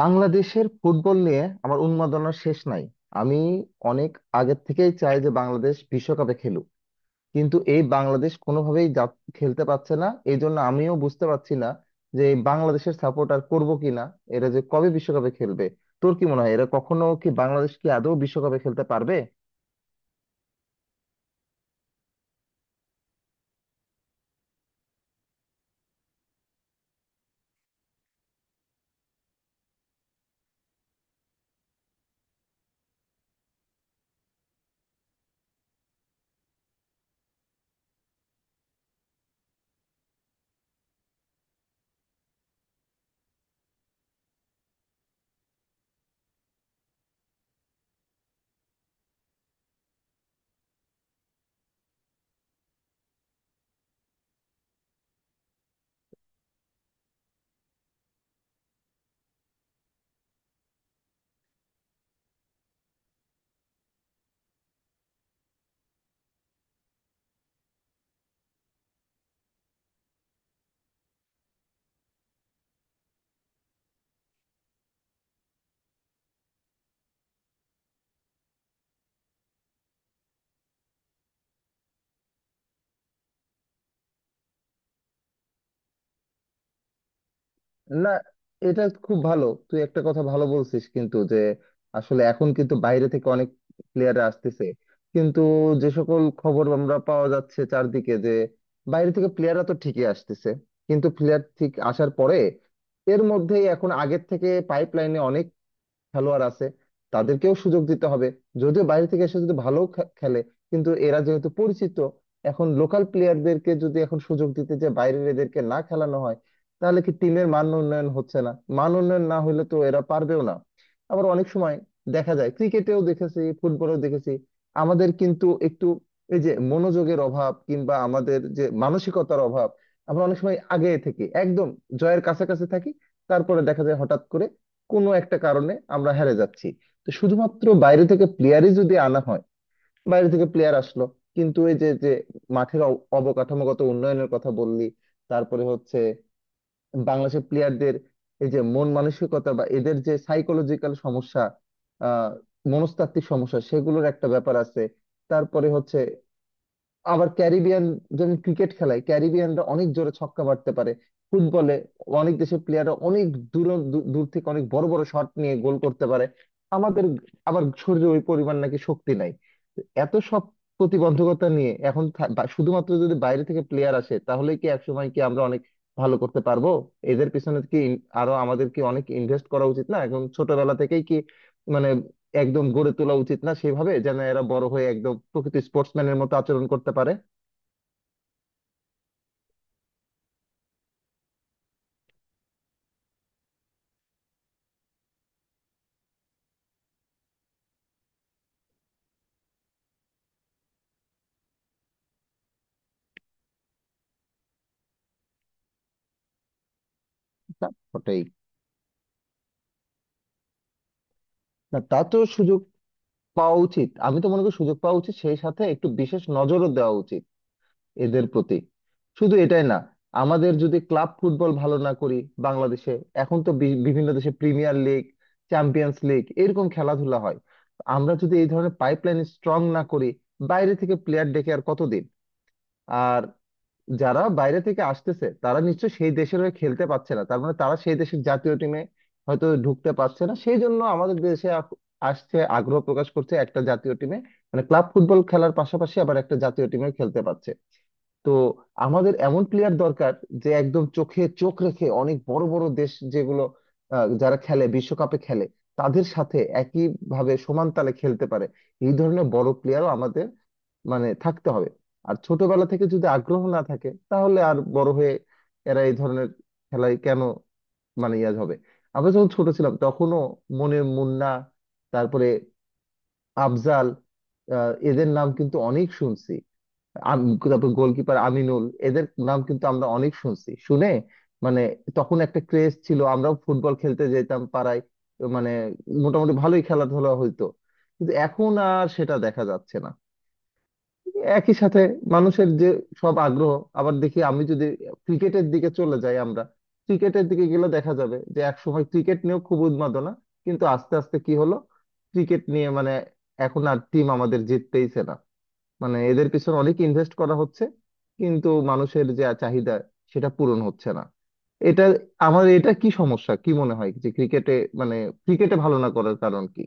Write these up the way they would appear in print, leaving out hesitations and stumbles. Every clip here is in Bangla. বাংলাদেশের ফুটবল নিয়ে আমার উন্মাদনার শেষ নাই। আমি অনেক আগের থেকেই চাই যে বাংলাদেশ বিশ্বকাপে খেলুক, কিন্তু এই বাংলাদেশ কোনোভাবেই খেলতে পারছে না। এই জন্য আমিও বুঝতে পারছি না যে এই বাংলাদেশের সাপোর্ট আর করবো কিনা, এরা যে কবে বিশ্বকাপে খেলবে। তোর কি মনে হয় এরা কখনো কি, বাংলাদেশ কি আদৌ বিশ্বকাপে খেলতে পারবে? না, এটা খুব ভালো, তুই একটা কথা ভালো বলছিস, কিন্তু যে আসলে এখন কিন্তু বাইরে থেকে অনেক প্লেয়ার আসতেছে, কিন্তু যে সকল খবর আমরা পাওয়া যাচ্ছে চারদিকে, যে বাইরে থেকে প্লেয়াররা তো ঠিকই আসতেছে, কিন্তু প্লেয়ার ঠিক আসার পরে এর মধ্যেই এখন আগের থেকে পাইপ লাইনে খেলোয়াড় আছে, তাদেরকেও সুযোগ দিতে হবে। যদিও বাইরে থেকে এসে যদি ভালো খেলে, কিন্তু এরা যেহেতু পরিচিত, এখন লোকাল প্লেয়ারদেরকে যদি এখন সুযোগ দিতে, যে বাইরের এদেরকে না খেলানো হয়, তাহলে কি টিমের মান উন্নয়ন হচ্ছে না? মান উন্নয়ন না হলে তো এরা পারবেও না। আবার অনেক সময় দেখা যায়, ক্রিকেটেও দেখেছি ফুটবলেও দেখেছি, আমাদের কিন্তু একটু এই যে মনোযোগের অভাব, কিংবা আমাদের যে মানসিকতার অভাব। আমরা অনেক সময় আগে থেকে একদম জয়ের কাছাকাছি থাকি, তারপরে দেখা যায় হঠাৎ করে কোনো একটা কারণে আমরা হেরে যাচ্ছি। তো শুধুমাত্র বাইরে থেকে প্লেয়ারই যদি আনা হয়, বাইরে থেকে প্লেয়ার আসলো, কিন্তু এই যে যে মাঠের অবকাঠামোগত উন্নয়নের কথা বললি, তারপরে হচ্ছে বাংলাদেশের প্লেয়ারদের এই যে মন মানসিকতা, বা এদের যে সাইকোলজিক্যাল সমস্যা, আহ মনস্তাত্ত্বিক সমস্যা, সেগুলোর একটা ব্যাপার আছে। তারপরে হচ্ছে আবার ক্যারিবিয়ান, যেমন ক্রিকেট খেলায় ক্যারিবিয়ানরা অনেক জোরে ছক্কা মারতে পারে, ফুটবলে অনেক দেশের প্লেয়াররা অনেক দূর দূর থেকে অনেক বড় বড় শট নিয়ে গোল করতে পারে। আমাদের আবার শরীরে ওই পরিমাণ নাকি শক্তি নাই। তো এত সব প্রতিবন্ধকতা নিয়ে এখন শুধুমাত্র যদি বাইরে থেকে প্লেয়ার আসে, তাহলে কি একসময় কি আমরা অনেক ভালো করতে পারবো? এদের পিছনে কি আরো আমাদের কি অনেক ইনভেস্ট করা উচিত না? এখন ছোটবেলা থেকেই কি, মানে, একদম গড়ে তোলা উচিত না, সেভাবে যেন এরা বড় হয়ে একদম প্রকৃত স্পোর্টসম্যানের মতো আচরণ করতে পারে। তা বটেই। না, তা তো সুযোগ পাওয়া উচিত। আমি তো মনে করি সুযোগ পাওয়া উচিত, সেই সাথে একটু বিশেষ নজরও দেওয়া উচিত এদের প্রতি। শুধু এটাই না, আমাদের যদি ক্লাব ফুটবল ভালো না করি বাংলাদেশে। এখন তো বিভিন্ন দেশে প্রিমিয়ার লিগ, চ্যাম্পিয়ন্স লিগ এরকম খেলাধুলা হয়। আমরা যদি এই ধরনের পাইপলাইন স্ট্রং না করি, বাইরে থেকে প্লেয়ার ডেকে আর কতদিন? আর যারা বাইরে থেকে আসতেছে, তারা নিশ্চয় সেই দেশের হয়ে খেলতে পারছে না, তার মানে তারা সেই দেশের জাতীয় টিমে হয়তো ঢুকতে পারছে না, সেই জন্য আমাদের দেশে আসছে, আগ্রহ প্রকাশ করছে একটা জাতীয় টিমে, মানে ক্লাব ফুটবল খেলার পাশাপাশি আবার একটা জাতীয় টিমে খেলতে পারছে। তো আমাদের এমন প্লেয়ার দরকার, যে একদম চোখে চোখ রেখে অনেক বড় বড় দেশ, যেগুলো যারা খেলে, বিশ্বকাপে খেলে, তাদের সাথে একই ভাবে সমান তালে খেলতে পারে। এই ধরনের বড় প্লেয়ারও আমাদের, মানে, থাকতে হবে। আর ছোটবেলা থেকে যদি আগ্রহ না থাকে, তাহলে আর বড় হয়ে এরা এই ধরনের খেলায় কেন, মানে, ইয়া হবে। আমরা যখন ছোট ছিলাম তখনও মনে মুন্না, তারপরে আফজাল, এদের নাম কিন্তু অনেক শুনছি। আম- তারপর গোলকিপার আমিনুল, এদের নাম কিন্তু আমরা অনেক শুনছি শুনে, মানে, তখন একটা ক্রেজ ছিল। আমরাও ফুটবল খেলতে যেতাম পাড়ায়। তো মানে মোটামুটি ভালোই খেলাধুলা হইতো, কিন্তু এখন আর সেটা দেখা যাচ্ছে না। একই সাথে মানুষের যে সব আগ্রহ, আবার দেখি আমি যদি ক্রিকেটের দিকে চলে যাই। আমরা ক্রিকেটের দিকে গেলে দেখা যাবে যে একসময় ক্রিকেট নিয়েও খুব উন্মাদনা, কিন্তু আস্তে আস্তে কি হলো, ক্রিকেট নিয়ে মানে এখন আর টিম আমাদের জিততেইছে না। মানে এদের পিছনে অনেক ইনভেস্ট করা হচ্ছে, কিন্তু মানুষের যে চাহিদা সেটা পূরণ হচ্ছে না। এটা, আমার এটা কি সমস্যা কি মনে হয় যে ক্রিকেটে, মানে, ক্রিকেটে ভালো না করার কারণ কি?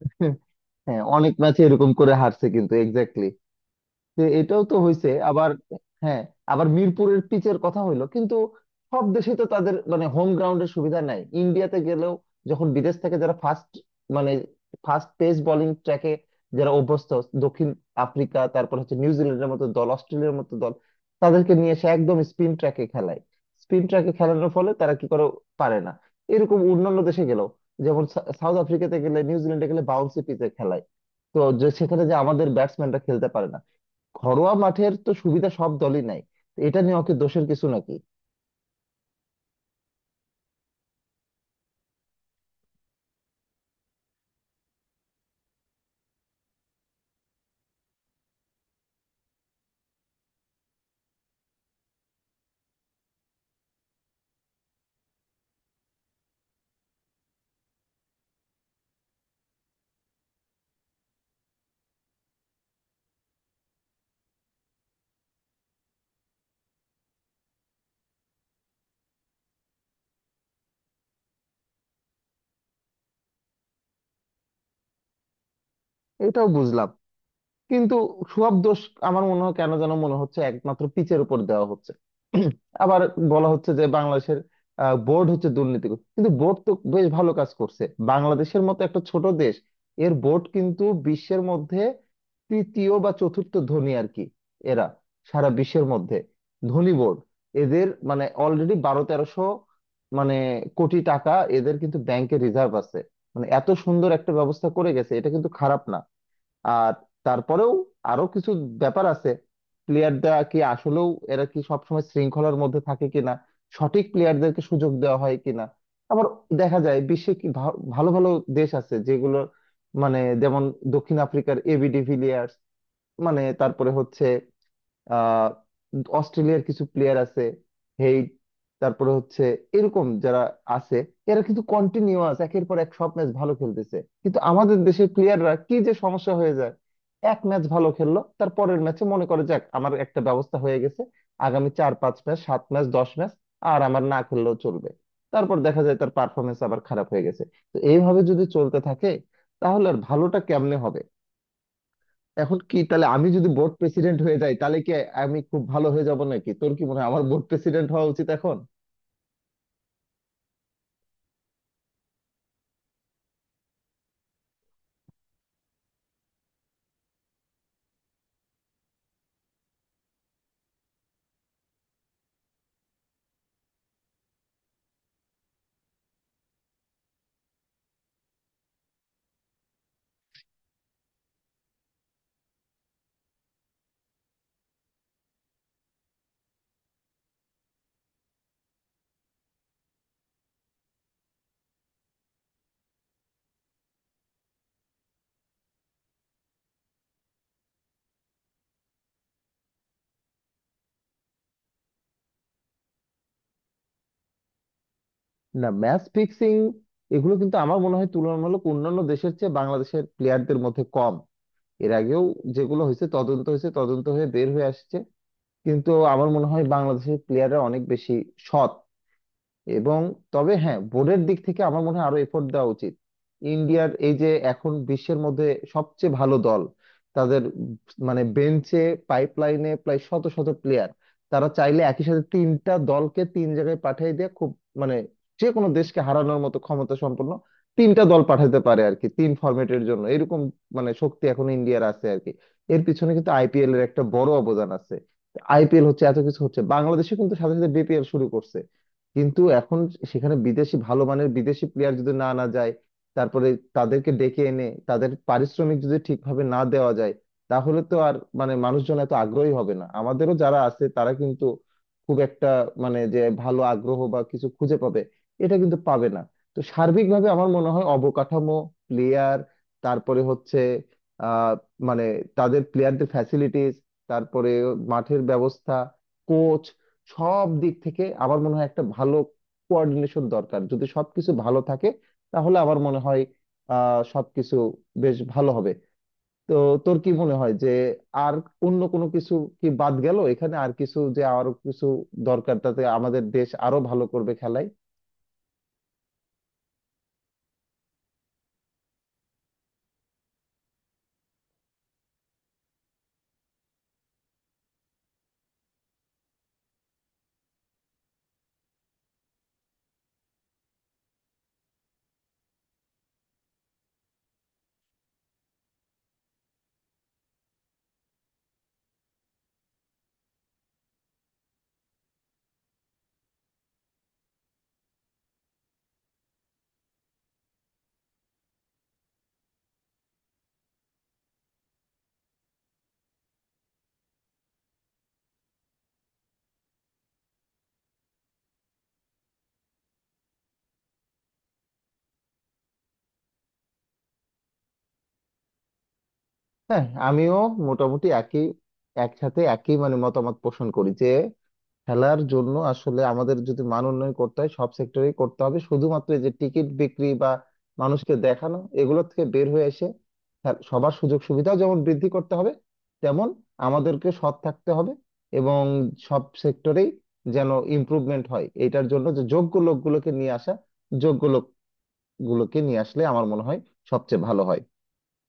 হ্যাঁ, অনেক ম্যাচে এরকম করে হারছে, কিন্তু এক্স্যাক্টলি যে এটাও তো হয়েছে আবার। হ্যাঁ, আবার মিরপুরের পিচের কথা হইলো, কিন্তু সব দেশে তো তাদের মানে হোম গ্রাউন্ডের সুবিধা নাই। ইন্ডিয়াতে গেলেও, যখন বিদেশ থেকে যারা ফাস্ট, মানে, ফাস্ট পেস বোলিং ট্র্যাকে যারা অভ্যস্ত, দক্ষিণ আফ্রিকা, তারপর হচ্ছে নিউজিল্যান্ডের মতো দল, অস্ট্রেলিয়ার মতো দল, তাদেরকে নিয়ে এসে একদম স্পিন ট্র্যাকে খেলায়, স্পিন ট্র্যাকে খেলানোর ফলে তারা কি করে, পারে না। এরকম অন্যান্য দেশে গেলেও, যেমন সাউথ আফ্রিকাতে গেলে নিউজিল্যান্ডে গেলে বাউন্সি পিচে খেলায়, তো যে সেখানে যে আমাদের ব্যাটসম্যানরা খেলতে পারে না। ঘরোয়া মাঠের তো সুবিধা সব দলই নাই। তো এটা নিয়ে ওকে, দোষের কিছু নাকি? এটাও বুঝলাম, কিন্তু সব দোষ আমার মনে হয় কেন যেন মনে হচ্ছে একমাত্র পিচের উপর দেওয়া হচ্ছে। আবার বলা হচ্ছে যে বাংলাদেশের বোর্ড হচ্ছে দুর্নীতি, কিন্তু বোর্ড তো বেশ ভালো কাজ করছে। বাংলাদেশের মতো একটা ছোট দেশ, এর বোর্ড কিন্তু বিশ্বের মধ্যে তৃতীয় বা চতুর্থ ধনী আর কি। এরা সারা বিশ্বের মধ্যে ধনী বোর্ড। এদের মানে অলরেডি বারো তেরোশো, মানে, কোটি টাকা এদের কিন্তু ব্যাংকে রিজার্ভ আছে। মানে এত সুন্দর একটা ব্যবস্থা করে গেছে, এটা কিন্তু খারাপ না। আর তারপরেও আরো কিছু ব্যাপার আছে। প্লেয়াররা কি আসলেও এরা কি সবসময় শৃঙ্খলার মধ্যে থাকে কিনা, সঠিক প্লেয়ারদেরকে সুযোগ দেওয়া হয় কিনা। আবার দেখা যায় বিশ্বে কি ভালো ভালো দেশ আছে যেগুলো, মানে, যেমন দক্ষিণ আফ্রিকার এবি ডিভিলিয়ার্স, মানে, তারপরে হচ্ছে আহ অস্ট্রেলিয়ার কিছু প্লেয়ার আছে, হেইড, তারপরে হচ্ছে এরকম যারা আছে, এরা কিন্তু কন্টিনিউয়াস একের পর এক সব ম্যাচ ভালো খেলতেছে। কিন্তু আমাদের দেশের প্লেয়াররা কি যে সমস্যা হয়ে যায়, এক ম্যাচ ভালো খেললো, তার পরের ম্যাচে মনে করে যাক আমার একটা ব্যবস্থা হয়ে গেছে, আগামী 4-5 ম্যাচ, 7 ম্যাচ, 10 ম্যাচ আর আমার না খেললেও চলবে। তারপর দেখা যায় তার পারফরমেন্স আবার খারাপ হয়ে গেছে। তো এইভাবে যদি চলতে থাকে, তাহলে আর ভালোটা কেমনে হবে? এখন কি তাহলে আমি যদি বোর্ড প্রেসিডেন্ট হয়ে যাই তাহলে কি আমি খুব ভালো হয়ে যাব নাকি? তোর কি মনে হয় আমার বোর্ড প্রেসিডেন্ট হওয়া উচিত এখন? না, ম্যাচ ফিক্সিং এগুলো কিন্তু আমার মনে হয় তুলনামূলক অন্যান্য দেশের চেয়ে বাংলাদেশের প্লেয়ারদের মধ্যে কম। এর আগেও যেগুলো হয়েছে তদন্ত হয়েছে, তদন্ত হয়ে বের হয়ে আসছে, কিন্তু আমার মনে হয় বাংলাদেশের প্লেয়াররা অনেক বেশি সৎ। এবং তবে হ্যাঁ, বোর্ডের দিক থেকে আমার মনে হয় আরো এফোর্ট দেওয়া উচিত। ইন্ডিয়ার এই যে এখন বিশ্বের মধ্যে সবচেয়ে ভালো দল, তাদের মানে বেঞ্চে পাইপলাইনে প্রায় শত শত প্লেয়ার, তারা চাইলে একই সাথে তিনটা দলকে 3 জায়গায় পাঠিয়ে দিয়ে খুব, মানে, যে কোনো দেশকে হারানোর মতো ক্ষমতা সম্পন্ন 3টা দল পাঠাতে পারে আর কি, 3 ফরম্যাটের জন্য। এরকম, মানে, শক্তি এখন ইন্ডিয়ার আছে আর কি। এর পিছনে কিন্তু আইপিএল এর একটা বড় অবদান আছে। আইপিএল হচ্ছে, এত কিছু হচ্ছে। বাংলাদেশে কিন্তু সাথে সাথে বিপিএল শুরু করছে, কিন্তু এখন সেখানে বিদেশি ভালো মানের বিদেশি প্লেয়ার যদি না আনা যায়, তারপরে তাদেরকে ডেকে এনে তাদের পারিশ্রমিক যদি ঠিকভাবে না দেওয়া যায়, তাহলে তো আর, মানে, মানুষজন এত আগ্রহী হবে না। আমাদেরও যারা আছে তারা কিন্তু খুব একটা, মানে, যে ভালো আগ্রহ বা কিছু খুঁজে পাবে, এটা কিন্তু পাবে না। তো সার্বিকভাবে আমার মনে হয় অবকাঠামো, প্লেয়ার, তারপরে হচ্ছে আহ মানে তাদের প্লেয়ারদের ফ্যাসিলিটিস, তারপরে মাঠের ব্যবস্থা, কোচ, সব দিক থেকে আমার মনে হয় একটা ভালো কোঅর্ডিনেশন দরকার। যদি সবকিছু ভালো থাকে তাহলে আমার মনে হয় সবকিছু বেশ ভালো হবে। তো তোর কি মনে হয় যে আর অন্য কোনো কিছু কি বাদ গেল এখানে, আর কিছু যে আরো কিছু দরকার, তাতে আমাদের দেশ আরো ভালো করবে খেলায়? হ্যাঁ, আমিও মোটামুটি একই, একসাথে একই, মানে, মতামত পোষণ করি যে খেলার জন্য আসলে আমাদের যদি মান উন্নয়ন করতে হয় সব সেক্টরেই করতে হবে। শুধুমাত্র এই যে টিকিট বিক্রি বা মানুষকে দেখানো, এগুলো থেকে বের হয়ে এসে সবার সুযোগ সুবিধা যেমন বৃদ্ধি করতে হবে, তেমন আমাদেরকে সৎ থাকতে হবে। এবং সব সেক্টরেই যেন ইমপ্রুভমেন্ট হয়, এটার জন্য যে যোগ্য লোকগুলোকে নিয়ে আসা, যোগ্য লোকগুলোকে নিয়ে আসলে আমার মনে হয় সবচেয়ে ভালো হয়।